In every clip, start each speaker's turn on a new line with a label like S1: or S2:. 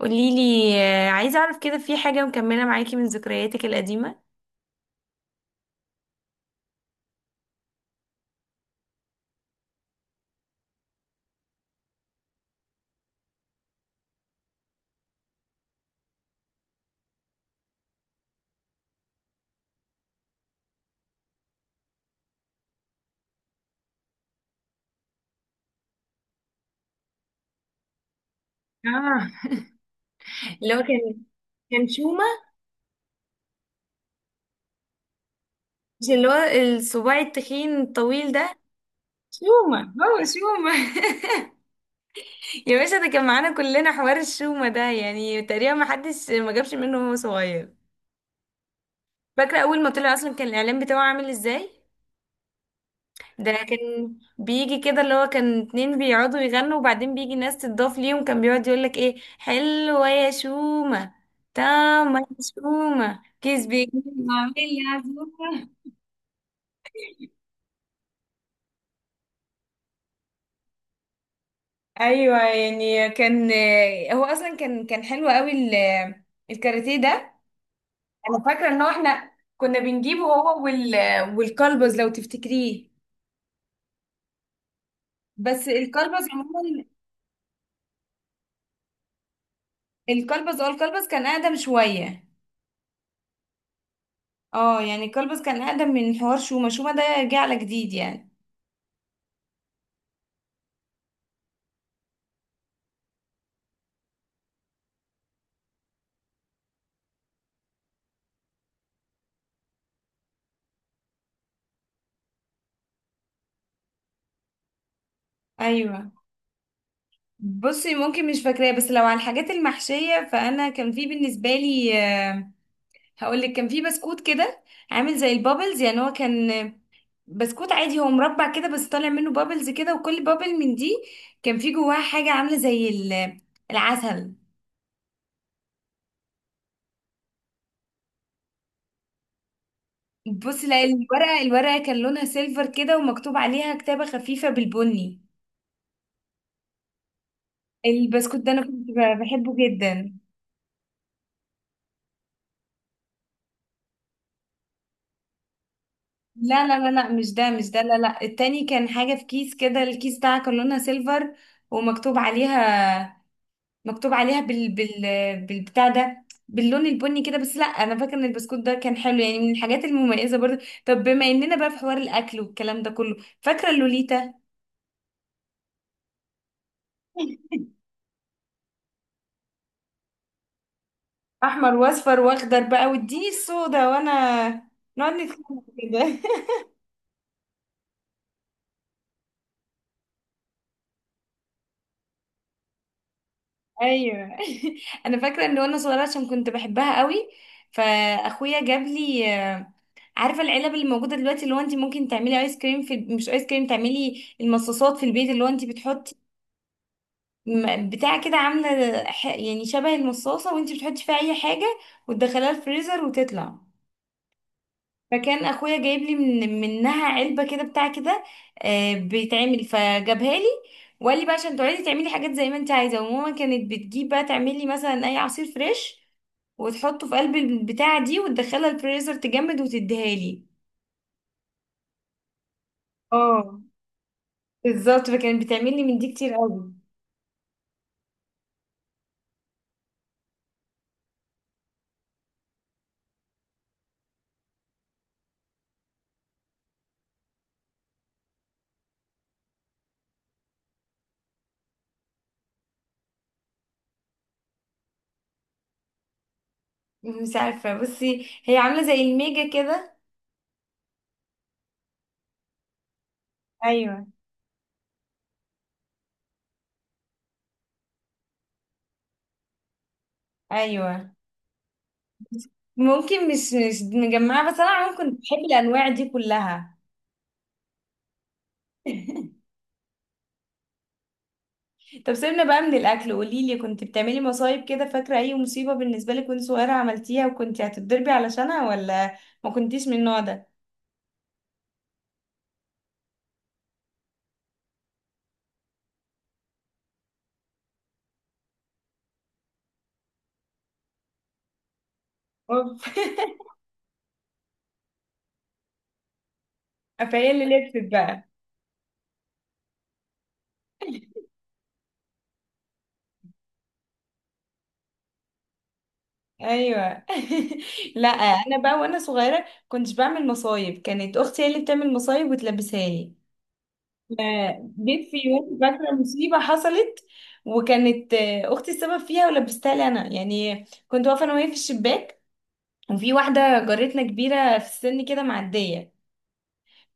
S1: قوليلي آه، عايزة أعرف كده في حاجة مكملة معاكي من ذكرياتك القديمة. اه، اللي هو كان شومة. مش اللي هو الصباع التخين الطويل ده؟ شومة، هو شومة. يا باشا ده كان معانا كلنا حوار الشومة ده، يعني تقريبا ما حدش ما جابش منه وهو صغير. فاكرة أول ما طلع أصلا كان الإعلان بتاعه عامل إزاي؟ ده كان بيجي كده اللي هو كان اتنين بيقعدوا يغنوا وبعدين بيجي ناس تضاف ليهم، كان بيقعد يقولك ايه، حلوة يا شومة، تامة يا شومة، كيس بيجي، عامل عزومة. ايوه يعني كان، هو اصلا كان حلو قوي ال- الكاراتيه ده. انا فاكره ان هو احنا كنا بنجيبه هو وال والكلبز، لو تفتكريه. بس الكلبز عموما، الكلبز، اه الكلبز كان اقدم شويه. اه يعني كلبز كان اقدم من حوار شومة، شومة ده جه على جديد يعني. ايوه، بصي ممكن مش فاكراه، بس لو على الحاجات المحشية فانا كان في بالنسبة لي آه، هقولك كان في بسكوت كده عامل زي البابلز، يعني هو كان بسكوت عادي، هو مربع كده بس طالع منه بابلز كده، وكل بابل من دي كان في جواها حاجة عاملة زي ال- العسل. بصي لا، الورقة، الورقة كان لونها سيلفر كده ومكتوب عليها كتابة خفيفة بالبني. البسكوت ده انا كنت بحبه جدا. لا لا لا لا مش ده، مش ده، لا لا، التاني كان حاجة في كيس كده، الكيس بتاعها كان لونها سيلفر ومكتوب عليها، مكتوب عليها بال بالبتاع ده باللون البني كده. بس لا انا فاكره ان البسكوت ده كان حلو، يعني من الحاجات المميزه برضه. طب بما اننا بقى في حوار الاكل والكلام ده كله، فاكره اللوليتا؟ احمر واصفر واخضر بقى، واديني السودا، وانا نقعد نتكلم كده. ايوه. انا فاكره ان وانا صغيره، عشان كنت بحبها قوي، فاخويا جاب لي، عارفه العلب اللي موجوده دلوقتي، اللي هو انت ممكن تعملي ايس كريم في، مش ايس كريم، تعملي المصاصات في البيت، اللي هو انت بتحطي بتاع كده، عامله يعني شبه المصاصه، وانت بتحطي فيها اي حاجه وتدخليها الفريزر وتطلع. فكان اخويا جايب لي منها علبه كده، بتاع كده آه، بيتعمل، فجابها لي وقال لي بقى عشان تقعدي تعملي حاجات زي ما انت عايزه. وماما كانت بتجيب بقى تعملي مثلا اي عصير فريش وتحطه في قلب البتاعه دي وتدخلها الفريزر تجمد وتديها لي. اه بالظبط، فكانت بتعمل لي من دي كتير قوي. مش عارفه، بصي هي عامله زي الميجا كده. ايوه، ايوه. ممكن مش مجمعه، بس انا عموما كنت بحب الانواع دي كلها. طب سيبنا بقى من الاكل، قولي لي كنت بتعملي مصايب كده؟ فاكره اي مصيبه بالنسبه لك وانت صغيره عملتيها وكنت هتتضربي علشانها، ولا ما كنتيش من النوع ده؟ اوف. فهي اللي لبست بقى. ايوه. لا انا بقى وانا صغيره كنتش بعمل مصايب، كانت اختي هي اللي بتعمل مصايب وتلبسها لي. آه، جيت في يوم فاكرة مصيبة حصلت، وكانت آه، أختي السبب فيها ولبستها لي أنا. يعني كنت واقفة أنا وهي في الشباك، وفي واحدة جارتنا كبيرة في السن كده معدية،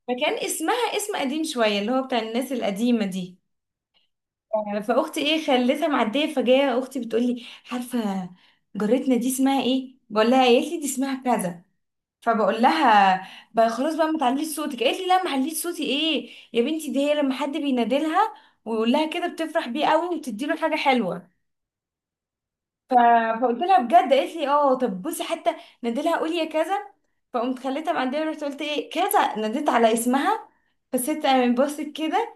S1: فكان اسمها اسم قديم شوية اللي هو بتاع الناس القديمة دي. آه، فأختي إيه خلتها معدية، فجاية أختي بتقولي، عارفة جارتنا دي اسمها إيه؟ بقول لها، قالت لي دي اسمها كذا. فبقول لها، بقى خلاص بقى ما تعليش صوتك، قالت لي لا ما عليش صوتي ايه يا بنتي، دي هي لما حد بينادلها ويقول لها كده بتفرح بيه قوي وتدي له حاجه حلوه. ف- فقلت لها بجد؟ قالت لي اه، طب بصي حتى نادلها قولي يا كذا. فقمت خليتها معديه ورحت قلت ايه كذا، ناديت على اسمها، فالست قامت بصت كده،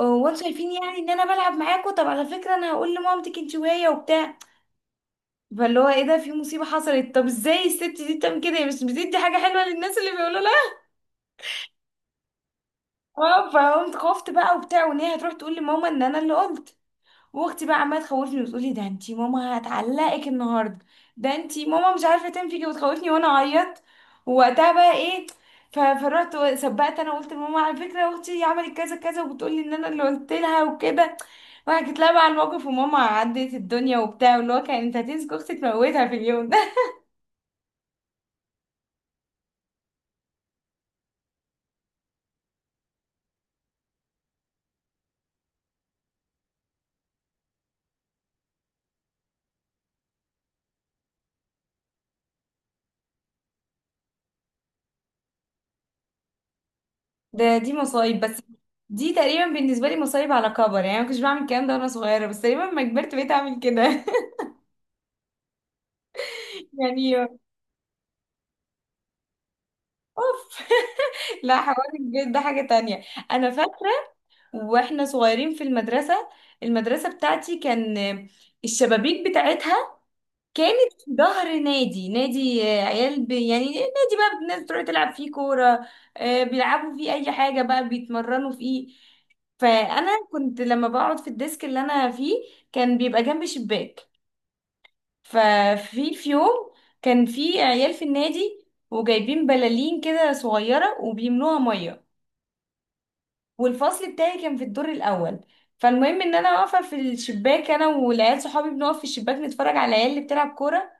S1: هو انتوا شايفين يعني ان انا بلعب معاكوا؟ طب على فكره انا هقول لمامتك انت وهي وبتاع. فاللي هو ايه ده، في مصيبه حصلت، طب ازاي الست دي بتعمل كده، هي مش بتدي حاجه حلوه للناس اللي بيقولوا؟ اه، فقمت خفت بقى وبتاع، وان هي هتروح تقول لماما ان انا اللي قلت. واختي بقى عماله تخوفني وتقولي ده انتي ماما هتعلقك النهارده، ده انتي ماما مش عارفه تنفيكي، وتخوفني وانا اعيط. ووقتها بقى ايه، فرحت سبقت انا قلت لماما، على فكره اختي عملت كذا كذا وبتقولي ان انا اللي قلت لها وكده، وحكيت لها بقى على الموقف، وماما عدت الدنيا وبتاع، واللي هو كانت هتمسك اختي تموتها في اليوم ده. ده دي مصايب بس، دي تقريبا بالنسبة لي مصايب على كبر، يعني أنا ما كنتش بعمل الكلام ده وأنا صغيرة، بس تقريبا لما كبرت بقيت أعمل كده. يعني. أوف. لا حوار البيت ده حاجة تانية. أنا فاكرة وإحنا صغيرين في المدرسة، المدرسة بتاعتي كان الشبابيك بتاعتها كانت في ظهر نادي، نادي آه، عيال ب... يعني نادي بقى الناس تروح تلعب فيه كورة، آه، بيلعبوا فيه أي حاجة بقى، بيتمرنوا فيه. فأنا كنت لما بقعد في الديسك اللي أنا فيه كان بيبقى جنب شباك. في يوم كان في عيال في النادي وجايبين بلالين كده صغيرة وبيملوها مية، والفصل بتاعي كان في الدور الأول. فالمهم ان انا واقفه في الشباك انا والعيال صحابي بنقف في الشباك نتفرج على العيال اللي بتلعب كوره.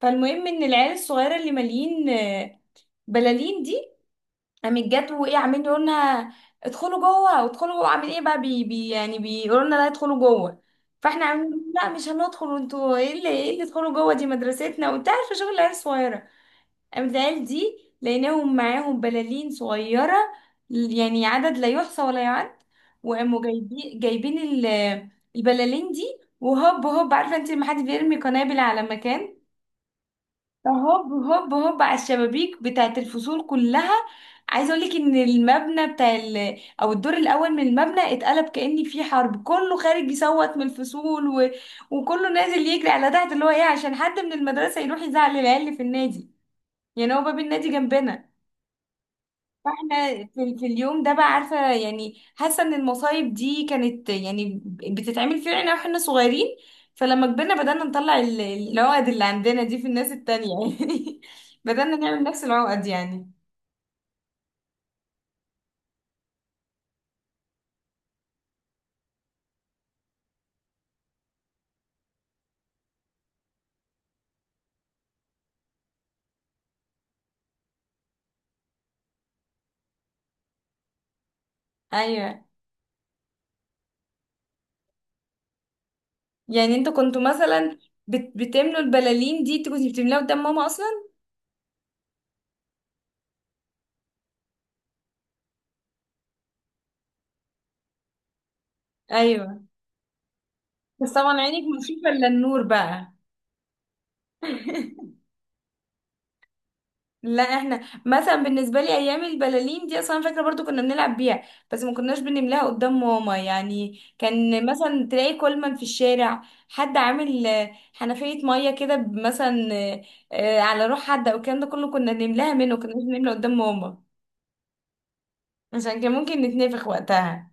S1: فالمهم ان العيال الصغيره اللي مالين آه، بلالين دي، قامت جت وايه عاملين يقولوا لنا ادخلوا جوه، وادخلوا جوه، عامل ايه بقى بي بي، يعني بيقولوا لنا لا ادخلوا جوه. فاحنا عاملين لا مش هندخل، وانتوا ايه اللي، ايه اللي ادخلوا جوه، دي مدرستنا، وانت عارفه شغل العيال الصغيره. قامت العيال دي لقيناهم معاهم بلالين صغيره، يعني عدد لا يحصى ولا يعد، وقاموا جايبين ال- البلالين دي، وهوب هوب، عارفه انت لما حد بيرمي قنابل على مكان، هوب هوب هوب على الشبابيك بتاعت الفصول كلها. عايزه اقول لك ان المبنى بتاع ال... او الدور الاول من المبنى اتقلب كأن في حرب، كله خارج يصوت من الفصول و... وكله نازل يجري على تحت، اللي هو ايه عشان حد من المدرسه يروح يزعل العيال اللي في النادي، يعني هو باب النادي جنبنا. فاحنا في اليوم ده بقى، عارفه يعني، حاسه ان المصايب دي كانت يعني بتتعمل فينا احنا واحنا صغيرين، فلما كبرنا بدأنا نطلع ال- العقد اللي عندنا دي في الناس التانية، يعني بدأنا نعمل نفس العقد يعني. ايوه، يعني انتوا كنتوا مثلا بتملوا البلالين دي، انتوا كنتوا بتملاها قدام ماما اصلا؟ ايوه، بس طبعا عينك مش شايفه الا النور بقى. لا احنا، مثلا بالنسبه لي ايام البلالين دي اصلا فاكره برضو كنا بنلعب بيها، بس ما كناش بنملاها قدام ماما. يعني كان مثلا تلاقي كولمان في الشارع، حد عامل آه، حنفيه ميه كده، ب- مثلا آه، آه، على روح حد، او الكلام ده كله كنا بنملاها منه، كنا بنملى قدام ماما عشان كان ممكن نتنفخ وقتها.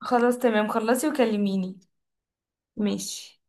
S1: خلاص تمام، خلصي وكلميني. ماشي.